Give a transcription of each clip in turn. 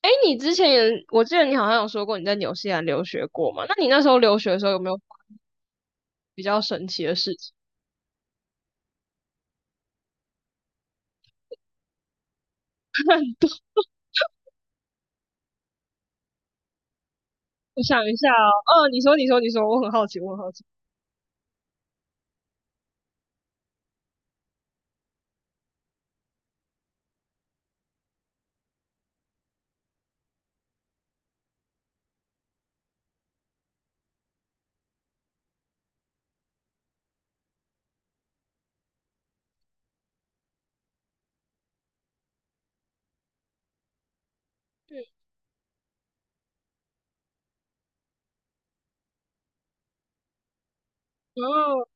哎，你之前也，我记得你好像有说过你在纽西兰留学过嘛？那你那时候留学的时候有没有比较神奇的事情？我想一下哦，嗯，你说，你说，你说，我很好奇，我很好奇。嗯，哦，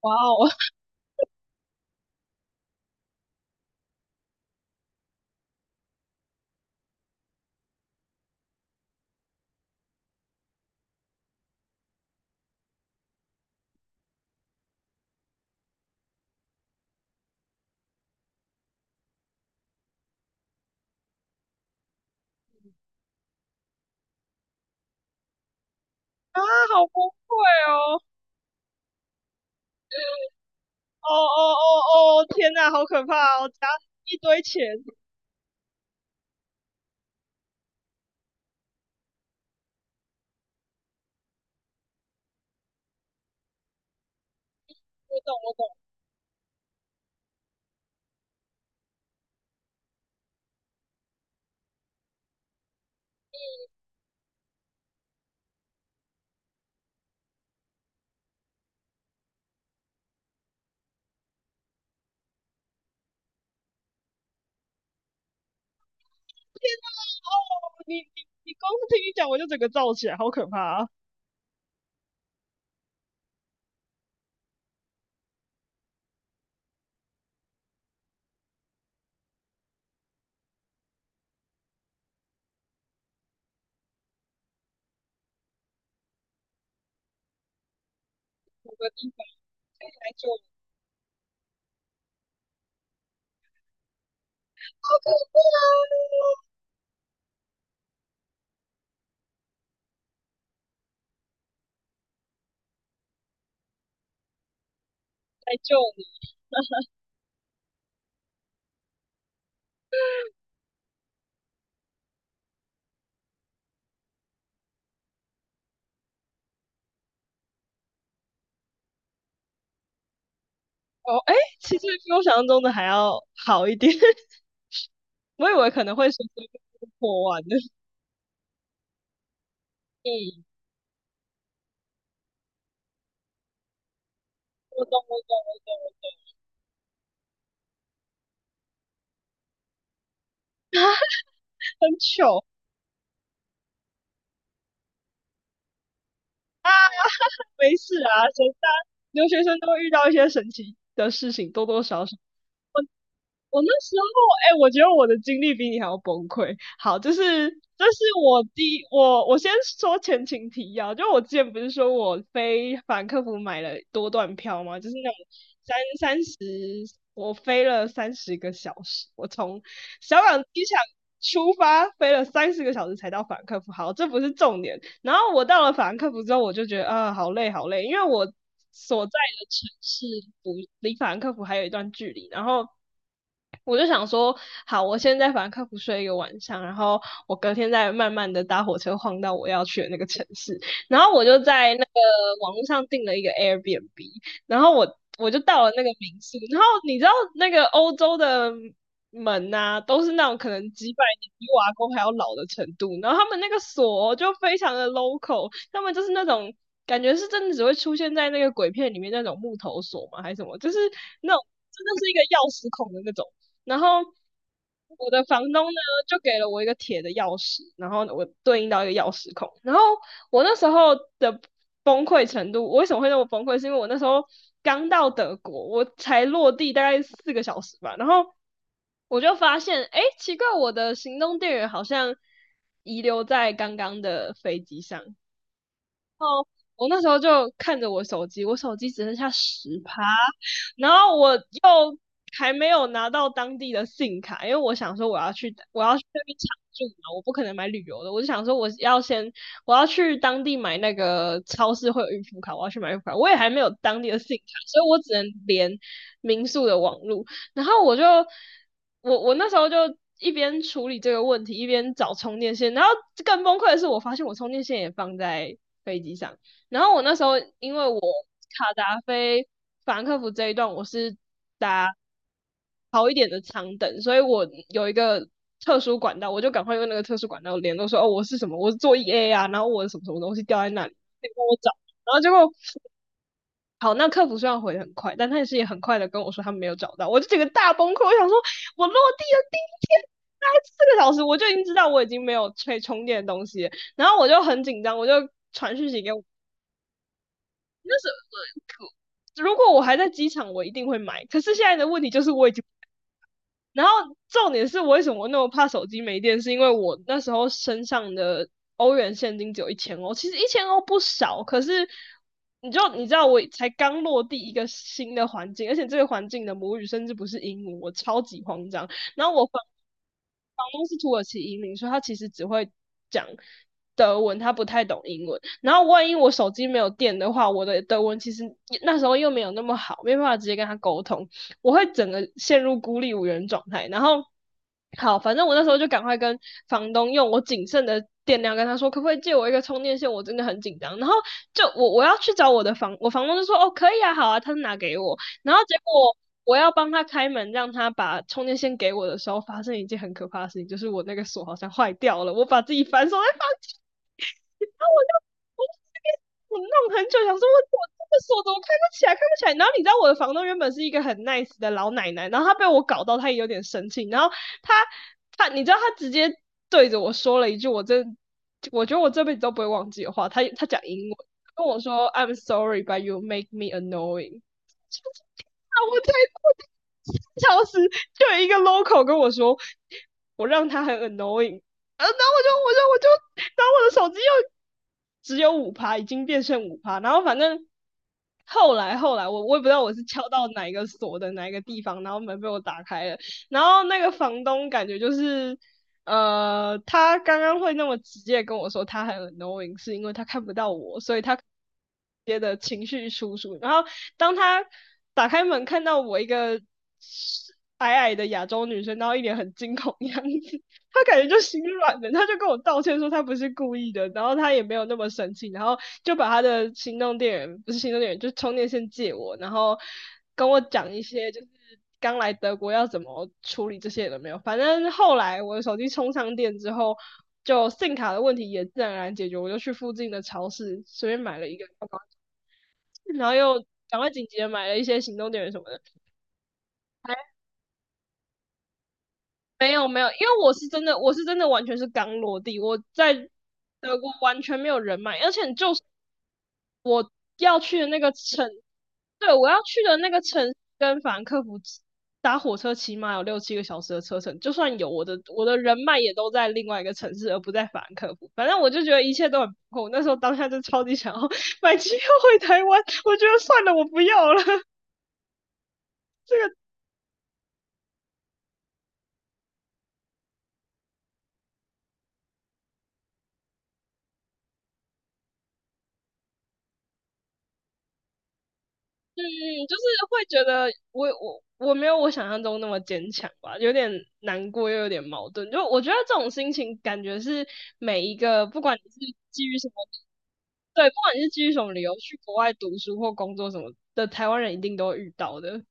哇哦，啊，好崩溃哦！哦哦哦哦，天呐，好可怕哦！加一堆钱，我懂，我懂。天呐，哦，你光是听你讲，我就整个燥起来，好可怕啊！某个地方可以来救我，好可怕啊，来救你哦！哎，其实比我想象中的还要好一点。我以为可能会随随便便破万的。嗯，我懂我懂，很糗，没事啊，谁大留学生都会遇到一些神奇的事情，多多少少。我那时候，哎、我觉得我的经历比你还要崩溃。好，就是这是我第一我我先说前情提要，就我之前不是说我飞法兰克福买了多段票吗？就是那种三十，我飞了三十个小时，我从小港机场出发飞了三十个小时才到法兰克福。好，这不是重点。然后我到了法兰克福之后，我就觉得啊、好累，好累，因为我所在的城市不离法兰克福还有一段距离，然后。我就想说，好，我先在法兰克福睡一个晚上，然后我隔天再慢慢的搭火车晃到我要去的那个城市。然后我就在那个网络上订了一个 Airbnb，然后我就到了那个民宿，然后你知道那个欧洲的门呐、都是那种可能几百年比瓦工还要老的程度，然后他们那个锁就非常的 local，他们就是那种。感觉是真的只会出现在那个鬼片里面那种木头锁吗？还是什么？就是那种真的是一个钥匙孔的那种。然后我的房东呢，就给了我一个铁的钥匙，然后我对应到一个钥匙孔。然后我那时候的崩溃程度，我为什么会那么崩溃？是因为我那时候刚到德国，我才落地大概四个小时吧，然后我就发现，哎，奇怪，我的行动电源好像遗留在刚刚的飞机上。我那时候就看着我手机，我手机只剩下百分之十趴，然后我又还没有拿到当地的信卡，因为我想说我要去那边常住嘛，我不可能买旅游的，我就想说我要去当地买那个超市会有预付卡，我要去买预付卡，我也还没有当地的信卡，所以我只能连民宿的网路，然后我那时候就。一边处理这个问题，一边找充电线，然后更崩溃的是，我发现我充电线也放在飞机上，然后我那时候因为我卡达菲法兰克福这一段我是搭好一点的长等，所以我有一个特殊管道，我就赶快用那个特殊管道联络说，哦，我是什么，我是做 EA 啊，然后我什么什么东西掉在那里，可以帮我找。然后结果好，那客服虽然回的很快，但他也很快的跟我说他没有找到，我就整个大崩溃，我想说，我落地的第一天。大概四个小时，我就已经知道我已经没有可以充电的东西了。然后我就很紧张，我就传讯息给我。如果我还在机场，我一定会买。可是现在的问题就是我已经，然后重点是我为什么那么怕手机没电，是因为我那时候身上的欧元现金只有一千欧，其实一千欧不少，可是你知道我才刚落地一个新的环境，而且这个环境的母语甚至不是英文，我超级慌张。然后我房东是土耳其移民，所以他其实只会讲德文，他不太懂英文。然后万一我手机没有电的话，我的德文其实那时候又没有那么好，没办法直接跟他沟通，我会整个陷入孤立无援状态。然后好，反正我那时候就赶快跟房东用我仅剩的电量跟他说，可不可以借我一个充电线？我真的很紧张。然后就我我要去找我的房，我房东就说哦可以啊，好啊，他就拿给我。然后结果我要帮他开门，让他把充电线给我的时候，发生一件很可怕的事情，就是我那个锁好像坏掉了，我把自己反锁在房间。然后我就这边我弄很久，想说我这个锁怎么开不起来，开不起来。然后你知道我的房东原本是一个很 nice 的老奶奶，然后她被我搞到，她也有点生气。然后她她你知道她直接对着我说了一句，我觉得我这辈子都不会忘记的话。她讲英文跟我说：“I'm sorry, but you make me annoying。”啊，我才过3小时，就有一个 local 跟我说我让他很 annoying。呃然后我就我就我就然后我的手机又只有五趴，已经变剩五趴，然后反正后来我也不知道我是敲到哪一个锁的哪一个地方，然后门被我打开了，然后那个房东感觉就是他刚刚会那么直接跟我说他很 annoying，是因为他看不到我，所以他直接的情绪输出，然后当他打开门看到我一个矮矮的亚洲女生，然后一脸很惊恐的样子，他感觉就心软了，他就跟我道歉说他不是故意的，然后他也没有那么生气，然后就把他的行动电源不是行动电源，就充电线借我，然后跟我讲一些就是刚来德国要怎么处理这些都没有。反正后来我的手机充上电之后，就 SIM 卡的问题也自然而然解决，我就去附近的超市随便买了一个，然后又赶快紧急的买了一些行动电源什么的。没有没有，因为我是真的，我是真的完全是刚落地，我在德国完全没有人脉，而且你就是要去的那个城，对，我要去的那个城跟法兰克福打火车起码有六七个小时的车程，就算有我的人脉也都在另外一个城市，而不在法兰克福。反正我就觉得一切都很不够，我那时候当下就超级想要 买机票回台湾，我觉得算了，我不要了。嗯，就是会觉得我没有我想象中那么坚强吧，有点难过又有点矛盾。就我觉得这种心情感觉是每一个，不管你是基于什么，对，不管你是基于什么理由去国外读书或工作什么的，台湾人一定都会遇到的。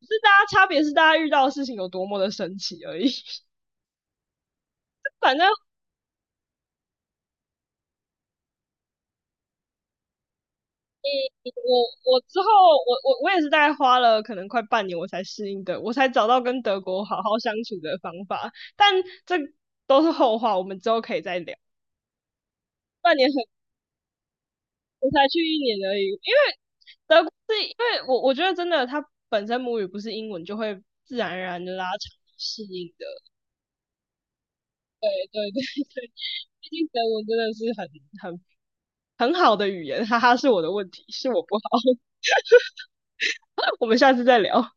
只是大家差别是大家遇到的事情有多么的神奇而已。反正我我之后我也是大概花了可能快半年我才适应的，我才找到跟德国好好相处的方法。但这都是后话，我们之后可以再聊。半年很，我才去一年而已，因为德国是因为我觉得真的，它本身母语不是英文，就会自然而然的拉长适应的。对对对对，毕竟德文真的是很很好的语言，哈哈，是我的问题，是我不好。我们下次再聊。